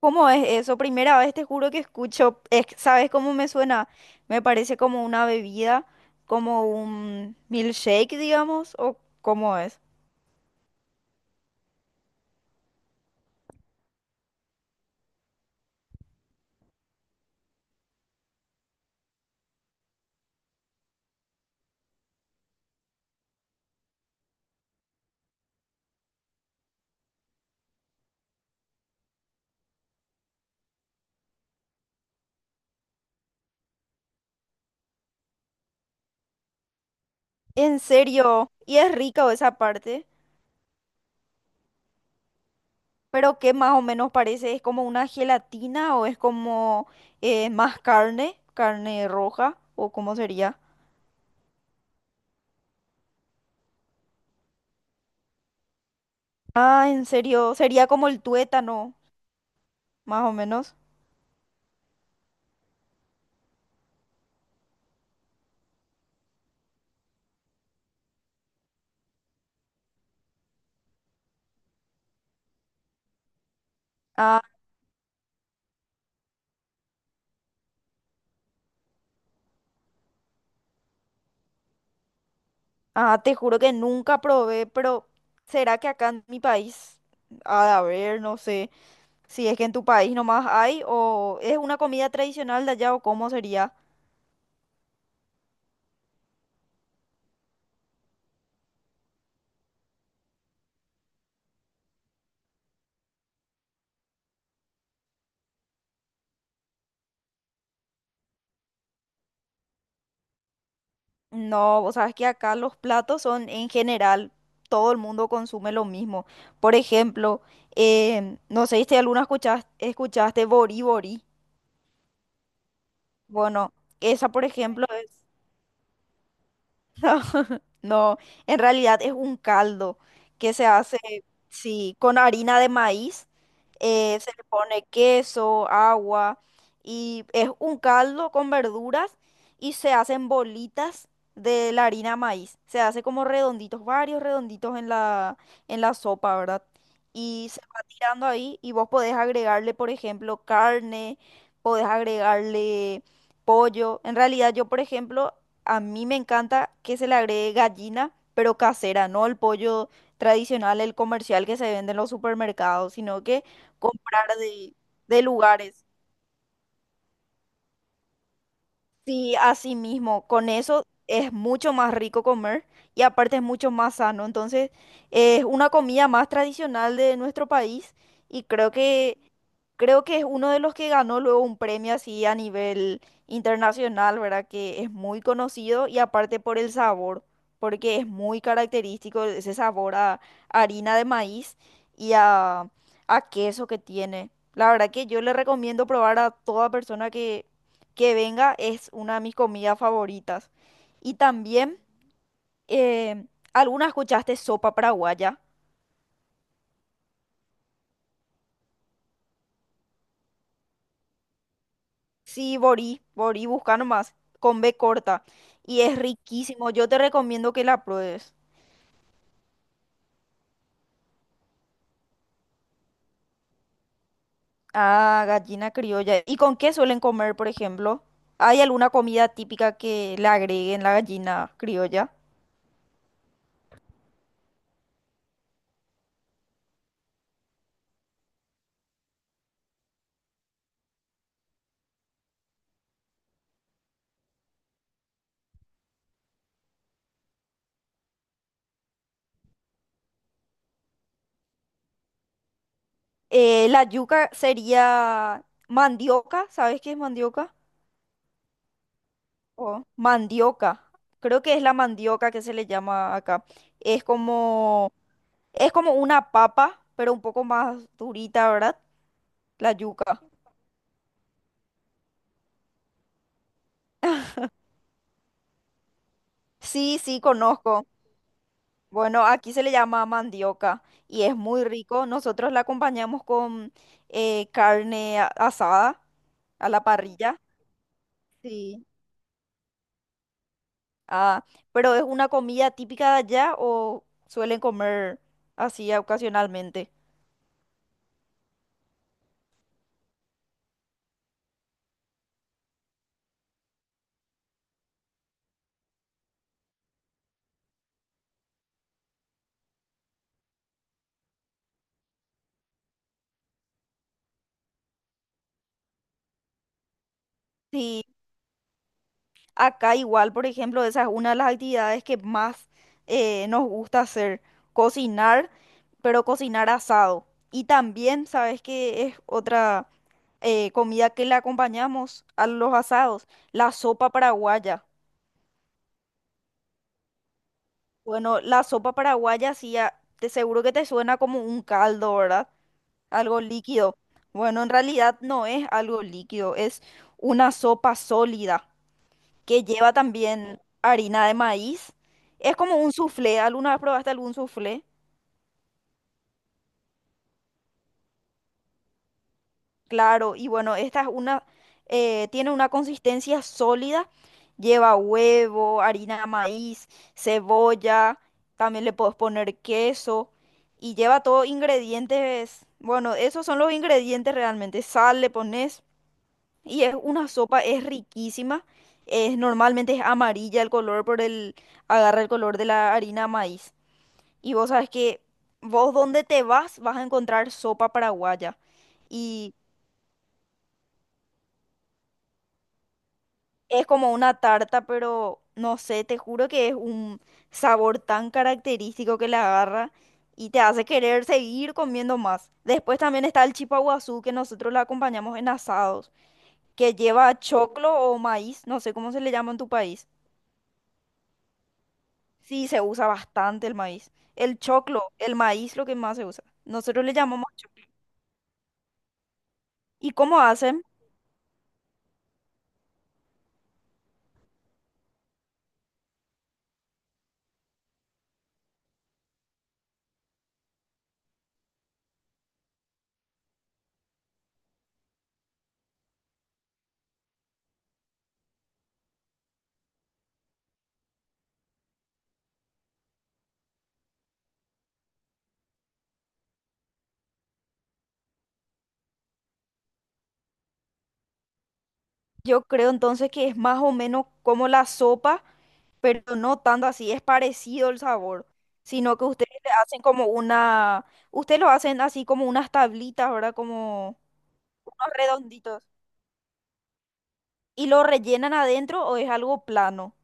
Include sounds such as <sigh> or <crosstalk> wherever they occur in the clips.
¿Cómo es eso? Primera vez te juro que escucho, es- ¿sabes cómo me suena? Me parece como una bebida, como un milkshake, digamos, o cómo es. En serio, ¿y es rica esa parte? Pero ¿qué más o menos parece? ¿Es como una gelatina o es como más carne, carne roja o cómo sería? Ah, en serio, sería como el tuétano, más o menos. Ah, ah, te juro que nunca probé, pero ¿será que acá en mi país ha de haber? No sé si es que en tu país nomás hay o es una comida tradicional de allá o cómo sería. No, vos sabes que acá los platos son en general, todo el mundo consume lo mismo. Por ejemplo, no sé si alguna escuchaste Bori Bori. Bueno, esa por ejemplo. No, <laughs> no, en realidad es un caldo que se hace, sí, con harina de maíz, se le pone queso, agua y es un caldo con verduras y se hacen bolitas de la harina de maíz. Se hace como redonditos, varios redonditos en en la sopa, ¿verdad? Y se va tirando ahí y vos podés agregarle, por ejemplo, carne, podés agregarle pollo. En realidad yo, por ejemplo, a mí me encanta que se le agregue gallina, pero casera, no el pollo tradicional, el comercial que se vende en los supermercados, sino que comprar de lugares. Sí, así mismo, con eso es mucho más rico comer y aparte es mucho más sano. Entonces, es una comida más tradicional de nuestro país y creo que es uno de los que ganó luego un premio así a nivel internacional, ¿verdad? Que es muy conocido y aparte por el sabor, porque es muy característico ese sabor a harina de maíz y a queso que tiene. La verdad que yo le recomiendo probar a toda persona que venga, es una de mis comidas favoritas. Y también, eh, ¿alguna escuchaste sopa paraguaya? Sí, Borí, Borí, busca nomás, con B corta. Y es riquísimo, yo te recomiendo que la pruebes. Ah, gallina criolla. ¿Y con qué suelen comer, por ejemplo? ¿Hay alguna comida típica que le agreguen la gallina criolla? La yuca sería mandioca, ¿sabes qué es mandioca? Oh, mandioca. Creo que es la mandioca que se le llama acá. Es como, es como una papa, pero un poco más durita, ¿verdad? La yuca. Sí, sí, conozco. Bueno, aquí se le llama mandioca y es muy rico. Nosotros la acompañamos con carne asada a la parrilla. Sí. Ah, pero ¿es una comida típica de allá o suelen comer así ocasionalmente? Sí. Acá igual, por ejemplo, esa es una de las actividades que más nos gusta hacer, cocinar, pero cocinar asado. Y también, ¿sabes qué es otra comida que le acompañamos a los asados? La sopa paraguaya. Bueno, la sopa paraguaya sí, a- te seguro que te suena como un caldo, ¿verdad? Algo líquido. Bueno, en realidad no es algo líquido, es una sopa sólida, que lleva también harina de maíz. Es como un soufflé. ¿Alguna vez probaste algún soufflé? Claro, y bueno, esta es una, tiene una consistencia sólida. Lleva huevo, harina de maíz, cebolla, también le puedes poner queso y lleva todos ingredientes. Bueno, esos son los ingredientes realmente. Sal le pones y es una sopa, es riquísima. Es, normalmente es amarilla el color por el, agarra el color de la harina de maíz. Y vos sabes que vos donde te vas vas a encontrar sopa paraguaya. Y es como una tarta, pero no sé, te juro que es un sabor tan característico que la agarra y te hace querer seguir comiendo más. Después también está el chipaguazú, que nosotros la acompañamos en asados, que lleva choclo o maíz, no sé cómo se le llama en tu país. Sí, se usa bastante el maíz. El choclo, el maíz, lo que más se usa. Nosotros le llamamos choclo. ¿Y cómo hacen? Yo creo entonces que es más o menos como la sopa, pero no tanto así, es parecido el sabor, sino que ustedes le hacen como una, ustedes lo hacen así como unas tablitas, ¿verdad? Como unos redonditos. ¿Y lo rellenan adentro o es algo plano?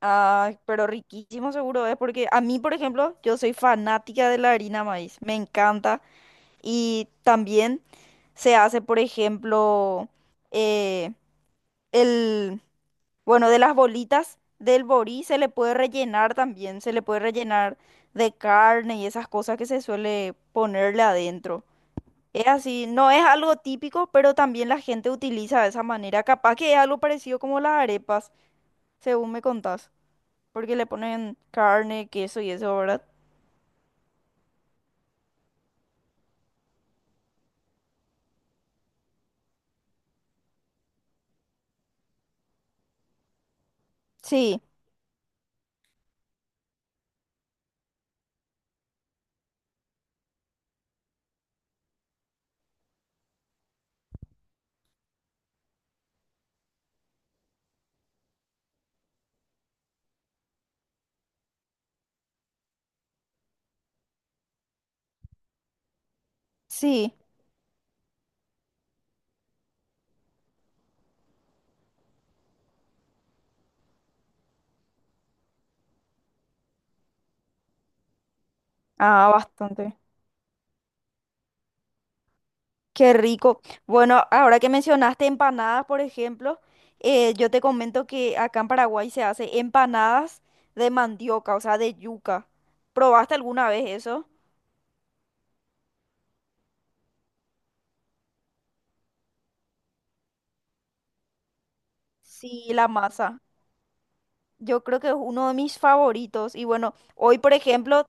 Ah, pero riquísimo seguro es, porque a mí, por ejemplo, yo soy fanática de la harina maíz, me encanta. Y también se hace, por ejemplo, eh, el... Bueno, de las bolitas del borí se le puede rellenar también, se le puede rellenar de carne y esas cosas que se suele ponerle adentro. Es así, no es algo típico, pero también la gente utiliza de esa manera. Capaz que es algo parecido como las arepas, según me contás, porque le ponen carne, queso y eso, ¿verdad? Sí, sí. Ah, bastante. Qué rico. Bueno, ahora que mencionaste empanadas, por ejemplo, yo te comento que acá en Paraguay se hace empanadas de mandioca, o sea, de yuca. ¿Probaste alguna vez eso? Sí, la masa. Yo creo que es uno de mis favoritos. Y bueno, hoy, por ejemplo,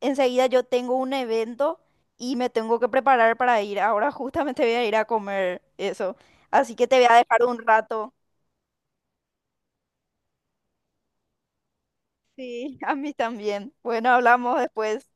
enseguida yo tengo un evento y me tengo que preparar para ir. Ahora justamente voy a ir a comer eso. Así que te voy a dejar un rato. Sí, <laughs> a mí también. Bueno, hablamos después.